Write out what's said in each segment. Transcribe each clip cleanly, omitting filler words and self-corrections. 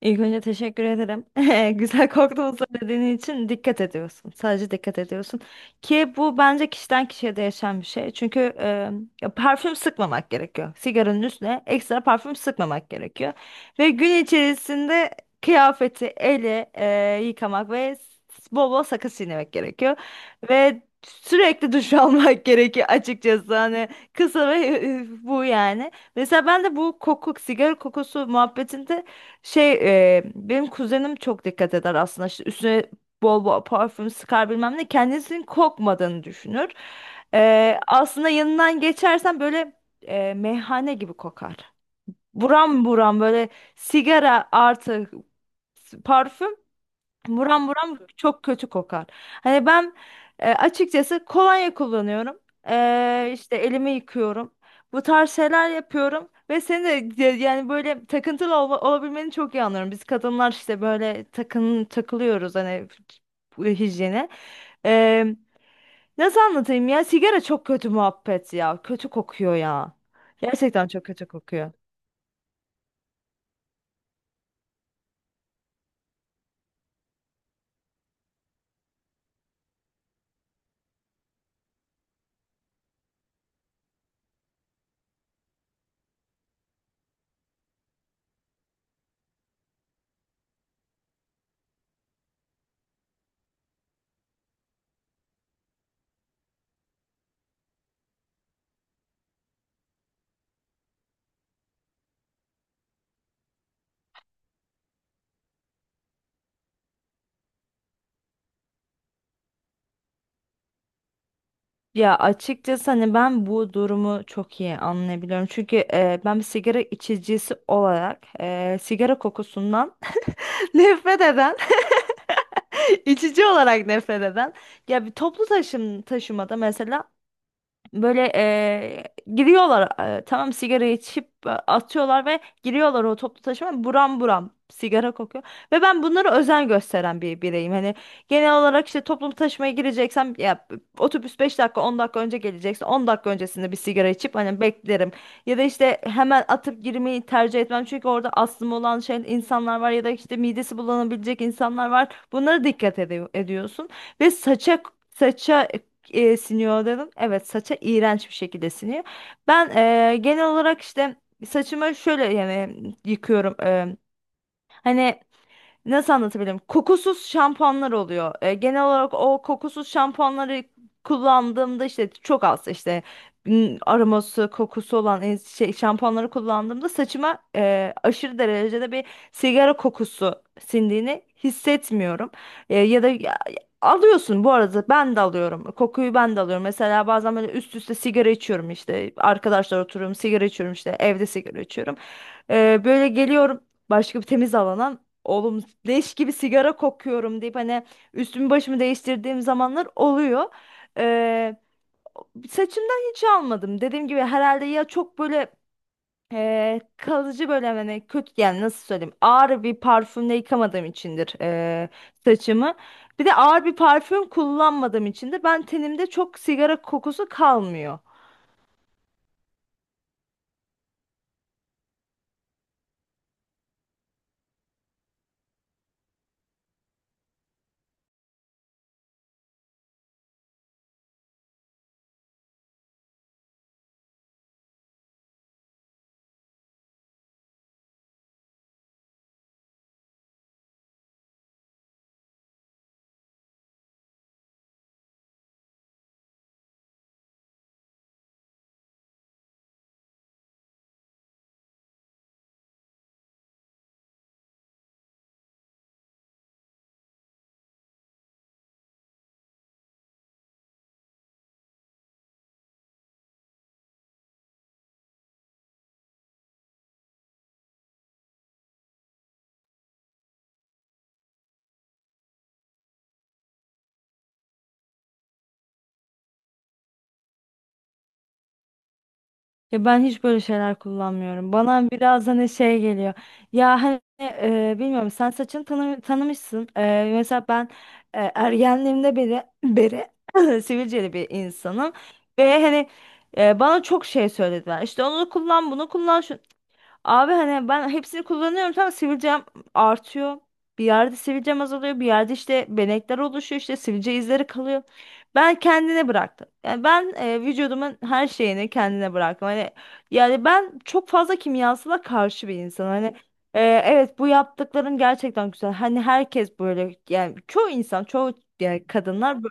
İlk önce teşekkür ederim. Güzel korktuğumu söylediğin için dikkat ediyorsun. Sadece dikkat ediyorsun. Ki bu bence kişiden kişiye değişen bir şey. Çünkü ya parfüm sıkmamak gerekiyor. Sigaranın üstüne ekstra parfüm sıkmamak gerekiyor. Ve gün içerisinde kıyafeti, eli yıkamak ve bol bol sakız çiğnemek gerekiyor. Ve sürekli duş almak gerekiyor açıkçası. Hani kısa ve bu yani. Mesela ben de bu koku, sigara kokusu muhabbetinde şey benim kuzenim çok dikkat eder aslında, işte üstüne bol bol parfüm sıkar bilmem ne, kendisinin kokmadığını düşünür. Aslında yanından geçersen böyle meyhane gibi kokar. Buram buram böyle sigara artı parfüm. Buram buram çok kötü kokar. Hani ben açıkçası kolonya kullanıyorum. İşte elimi yıkıyorum. Bu tarz şeyler yapıyorum ve seni de yani böyle takıntılı olabilmeni çok iyi anlıyorum. Biz kadınlar işte böyle takılıyoruz hani bu hijyene. Nasıl anlatayım ya? Sigara çok kötü muhabbet ya. Kötü kokuyor ya. Gerçekten çok kötü kokuyor. Ya açıkçası hani ben bu durumu çok iyi anlayabiliyorum. Çünkü ben bir sigara içicisi olarak sigara kokusundan nefret eden, içici olarak nefret eden. Ya bir toplu taşım taşımada mesela böyle giriyorlar, tamam sigarayı içip atıyorlar ve giriyorlar, o toplu taşıma buram buram sigara kokuyor. Ve ben bunlara özen gösteren bir bireyim. Hani genel olarak işte toplu taşımaya gireceksem ya otobüs 5 dakika 10 dakika önce gelecekse 10 dakika öncesinde bir sigara içip hani beklerim. Ya da işte hemen atıp girmeyi tercih etmem. Çünkü orada astımı olan şey insanlar var ya da işte midesi bulanabilecek insanlar var. Bunlara dikkat ediyorsun ve saça siniyor dedim. Evet, saça iğrenç bir şekilde siniyor. Ben genel olarak işte saçımı şöyle yani yıkıyorum. Hani nasıl anlatabilirim? Kokusuz şampuanlar oluyor. Genel olarak o kokusuz şampuanları kullandığımda işte çok az işte aroması, kokusu olan şampuanları kullandığımda saçıma aşırı derecede bir sigara kokusu sindiğini hissetmiyorum. E, ya da ya- Alıyorsun bu arada, ben de alıyorum. Kokuyu ben de alıyorum. Mesela bazen böyle üst üste sigara içiyorum işte. Arkadaşlar oturuyorum sigara içiyorum işte, evde sigara içiyorum. Böyle geliyorum başka bir temiz alana. Oğlum leş gibi sigara kokuyorum deyip hani üstümü başımı değiştirdiğim zamanlar oluyor. Ee, Saçımdan hiç almadım. Dediğim gibi herhalde ya çok böyle kalıcı böyle hani kötü, yani nasıl söyleyeyim, ağır bir parfümle yıkamadığım içindir saçımı. Bir de ağır bir parfüm kullanmadığım içindir. Ben tenimde çok sigara kokusu kalmıyor. Ya ben hiç böyle şeyler kullanmıyorum. Bana biraz hani şey geliyor. Ya hani bilmiyorum, sen saçını tanımışsın. Mesela ben ergenliğimde beri sivilceli bir insanım. Ve hani bana çok şey söylediler. İşte onu kullan, bunu kullan. Abi hani ben hepsini kullanıyorum, tamam sivilcem artıyor. Bir yerde sivilcem azalıyor. Bir yerde işte benekler oluşuyor, işte sivilce izleri kalıyor. Ben kendine bıraktım. Yani ben vücudumun her şeyini kendine bıraktım. Hani yani ben çok fazla kimyasala karşı bir insanım. Hani evet, bu yaptıkların gerçekten güzel. Hani herkes böyle, yani çoğu insan, çoğu yani kadınlar bu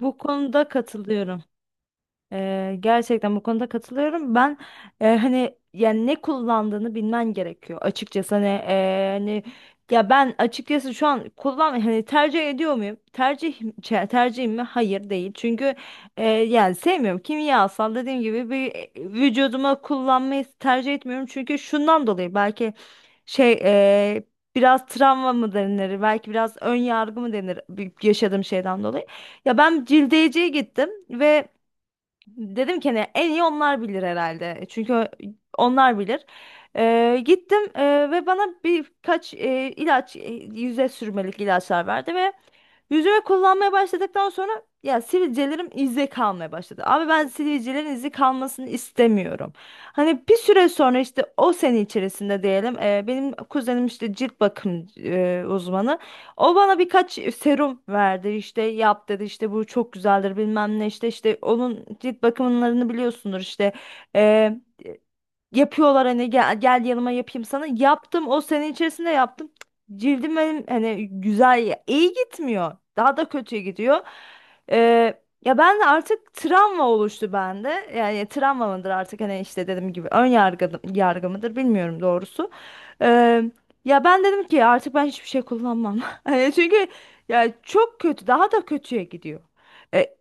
bu konuda katılıyorum. Gerçekten bu konuda katılıyorum. Ben hani yani ne kullandığını bilmen gerekiyor açıkçası, hani, ya ben açıkçası şu an hani tercih ediyor muyum? Tercihim mi? Hayır değil. Çünkü yani sevmiyorum. Kimyasal, dediğim gibi bir vücuduma kullanmayı tercih etmiyorum. Çünkü şundan dolayı belki şey e, biraz travma mı denir? Belki biraz ön yargı mı denir yaşadığım şeyden dolayı. Ya ben cildeyeciye gittim ve dedim ki hani en iyi onlar bilir herhalde. Çünkü onlar bilir. Gittim ve bana birkaç ilaç, yüze sürmelik ilaçlar verdi ve yüzme kullanmaya başladıktan sonra ya sivilcelerim izde kalmaya başladı. Abi ben sivilcelerin izi kalmasını istemiyorum. Hani bir süre sonra işte o sene içerisinde diyelim benim kuzenim işte cilt bakım uzmanı. O bana birkaç serum verdi, işte yap dedi, işte bu çok güzeldir bilmem ne, işte işte onun cilt bakımlarını biliyorsundur işte. E, Yapıyorlar, hani gel, gel yanıma yapayım sana. Yaptım, o sene içerisinde yaptım. Cık, cildim benim hani güzel, iyi gitmiyor. Daha da kötüye gidiyor. Ya ben de artık travma oluştu bende. Yani travma mıdır artık, hani işte dediğim gibi ön yargı mıdır bilmiyorum doğrusu. Ee, Ya ben dedim ki artık ben hiçbir şey kullanmam. Hani çünkü ya çok kötü, daha da kötüye gidiyor. Ee,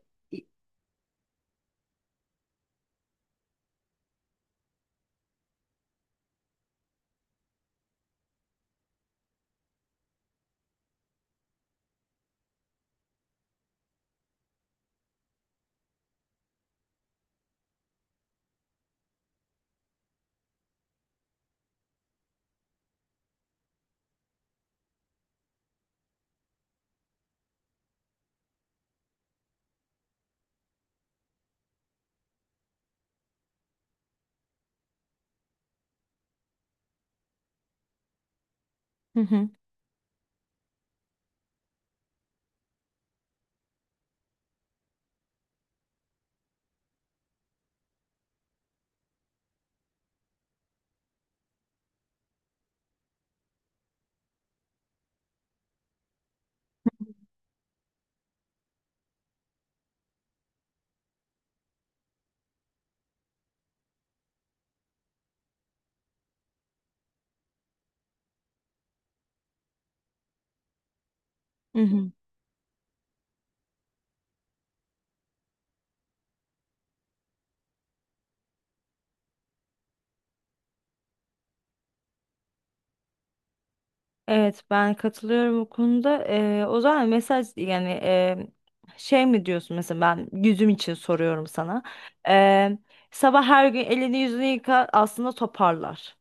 Hı hı. Hı hı. Evet, ben katılıyorum bu konuda. O zaman mesaj yani, şey mi diyorsun mesela, ben yüzüm için soruyorum sana. Ee, Sabah her gün elini yüzünü yıka, aslında toparlar.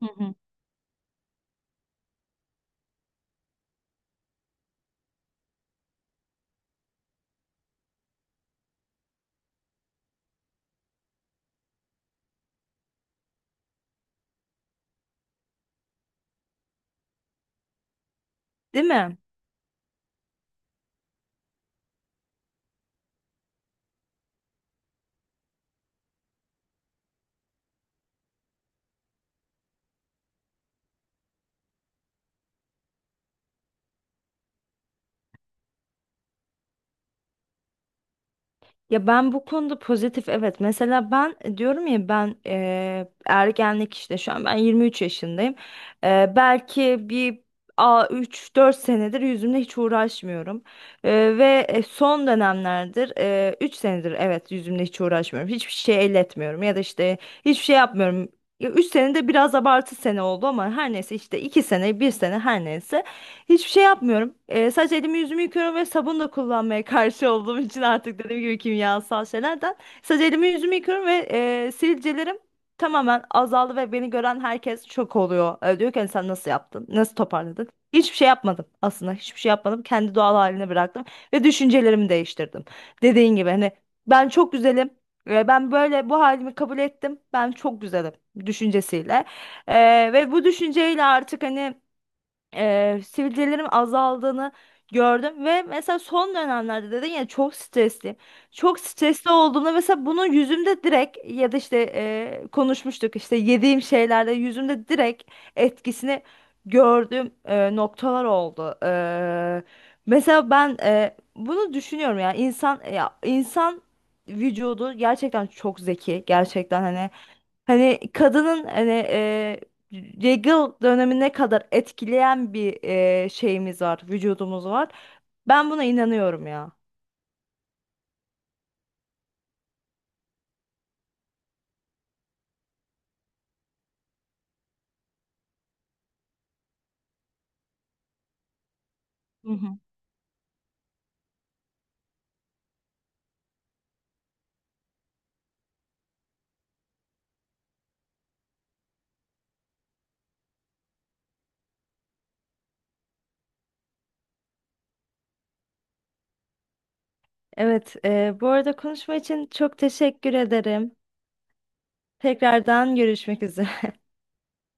Hı hı. Değil mi? Ya ben bu konuda pozitif, evet. Mesela ben diyorum ya ben, ergenlik işte, şu an ben 23 yaşındayım. Belki bir a 3-4 senedir yüzümle hiç uğraşmıyorum. Ve son dönemlerdir 3 senedir, evet, yüzümle hiç uğraşmıyorum. Hiçbir şey elletmiyorum ya da işte hiçbir şey yapmıyorum. 3 senede biraz abartı sene oldu ama her neyse, işte 2 sene bir sene her neyse. Hiçbir şey yapmıyorum. Sadece elimi yüzümü yıkıyorum ve sabun da kullanmaya karşı olduğum için, artık dediğim gibi, kimyasal şeylerden. Sadece elimi yüzümü yıkıyorum ve sivilcelerim tamamen azaldı ve beni gören herkes şok oluyor. Diyor ki "Hani sen nasıl yaptın? Nasıl toparladın?" Hiçbir şey yapmadım aslında. Hiçbir şey yapmadım. Kendi doğal haline bıraktım ve düşüncelerimi değiştirdim. Dediğin gibi hani ben çok güzelim. Ben böyle bu halimi kabul ettim. Ben çok güzelim düşüncesiyle. Ve bu düşünceyle artık hani sivilcelerim azaldığını gördüm ve mesela son dönemlerde dedin ya, çok stresliyim. Çok stresli olduğumda mesela bunu yüzümde direkt, ya da işte konuşmuştuk işte yediğim şeylerde yüzümde direkt etkisini gördüğüm noktalar oldu. Mesela ben bunu düşünüyorum ya, insan vücudu gerçekten çok zeki, gerçekten hani. Hani kadının hani regl dönemine kadar etkileyen bir vücudumuz var. Ben buna inanıyorum ya. Hı hı. Evet, bu arada konuşma için çok teşekkür ederim. Tekrardan görüşmek üzere.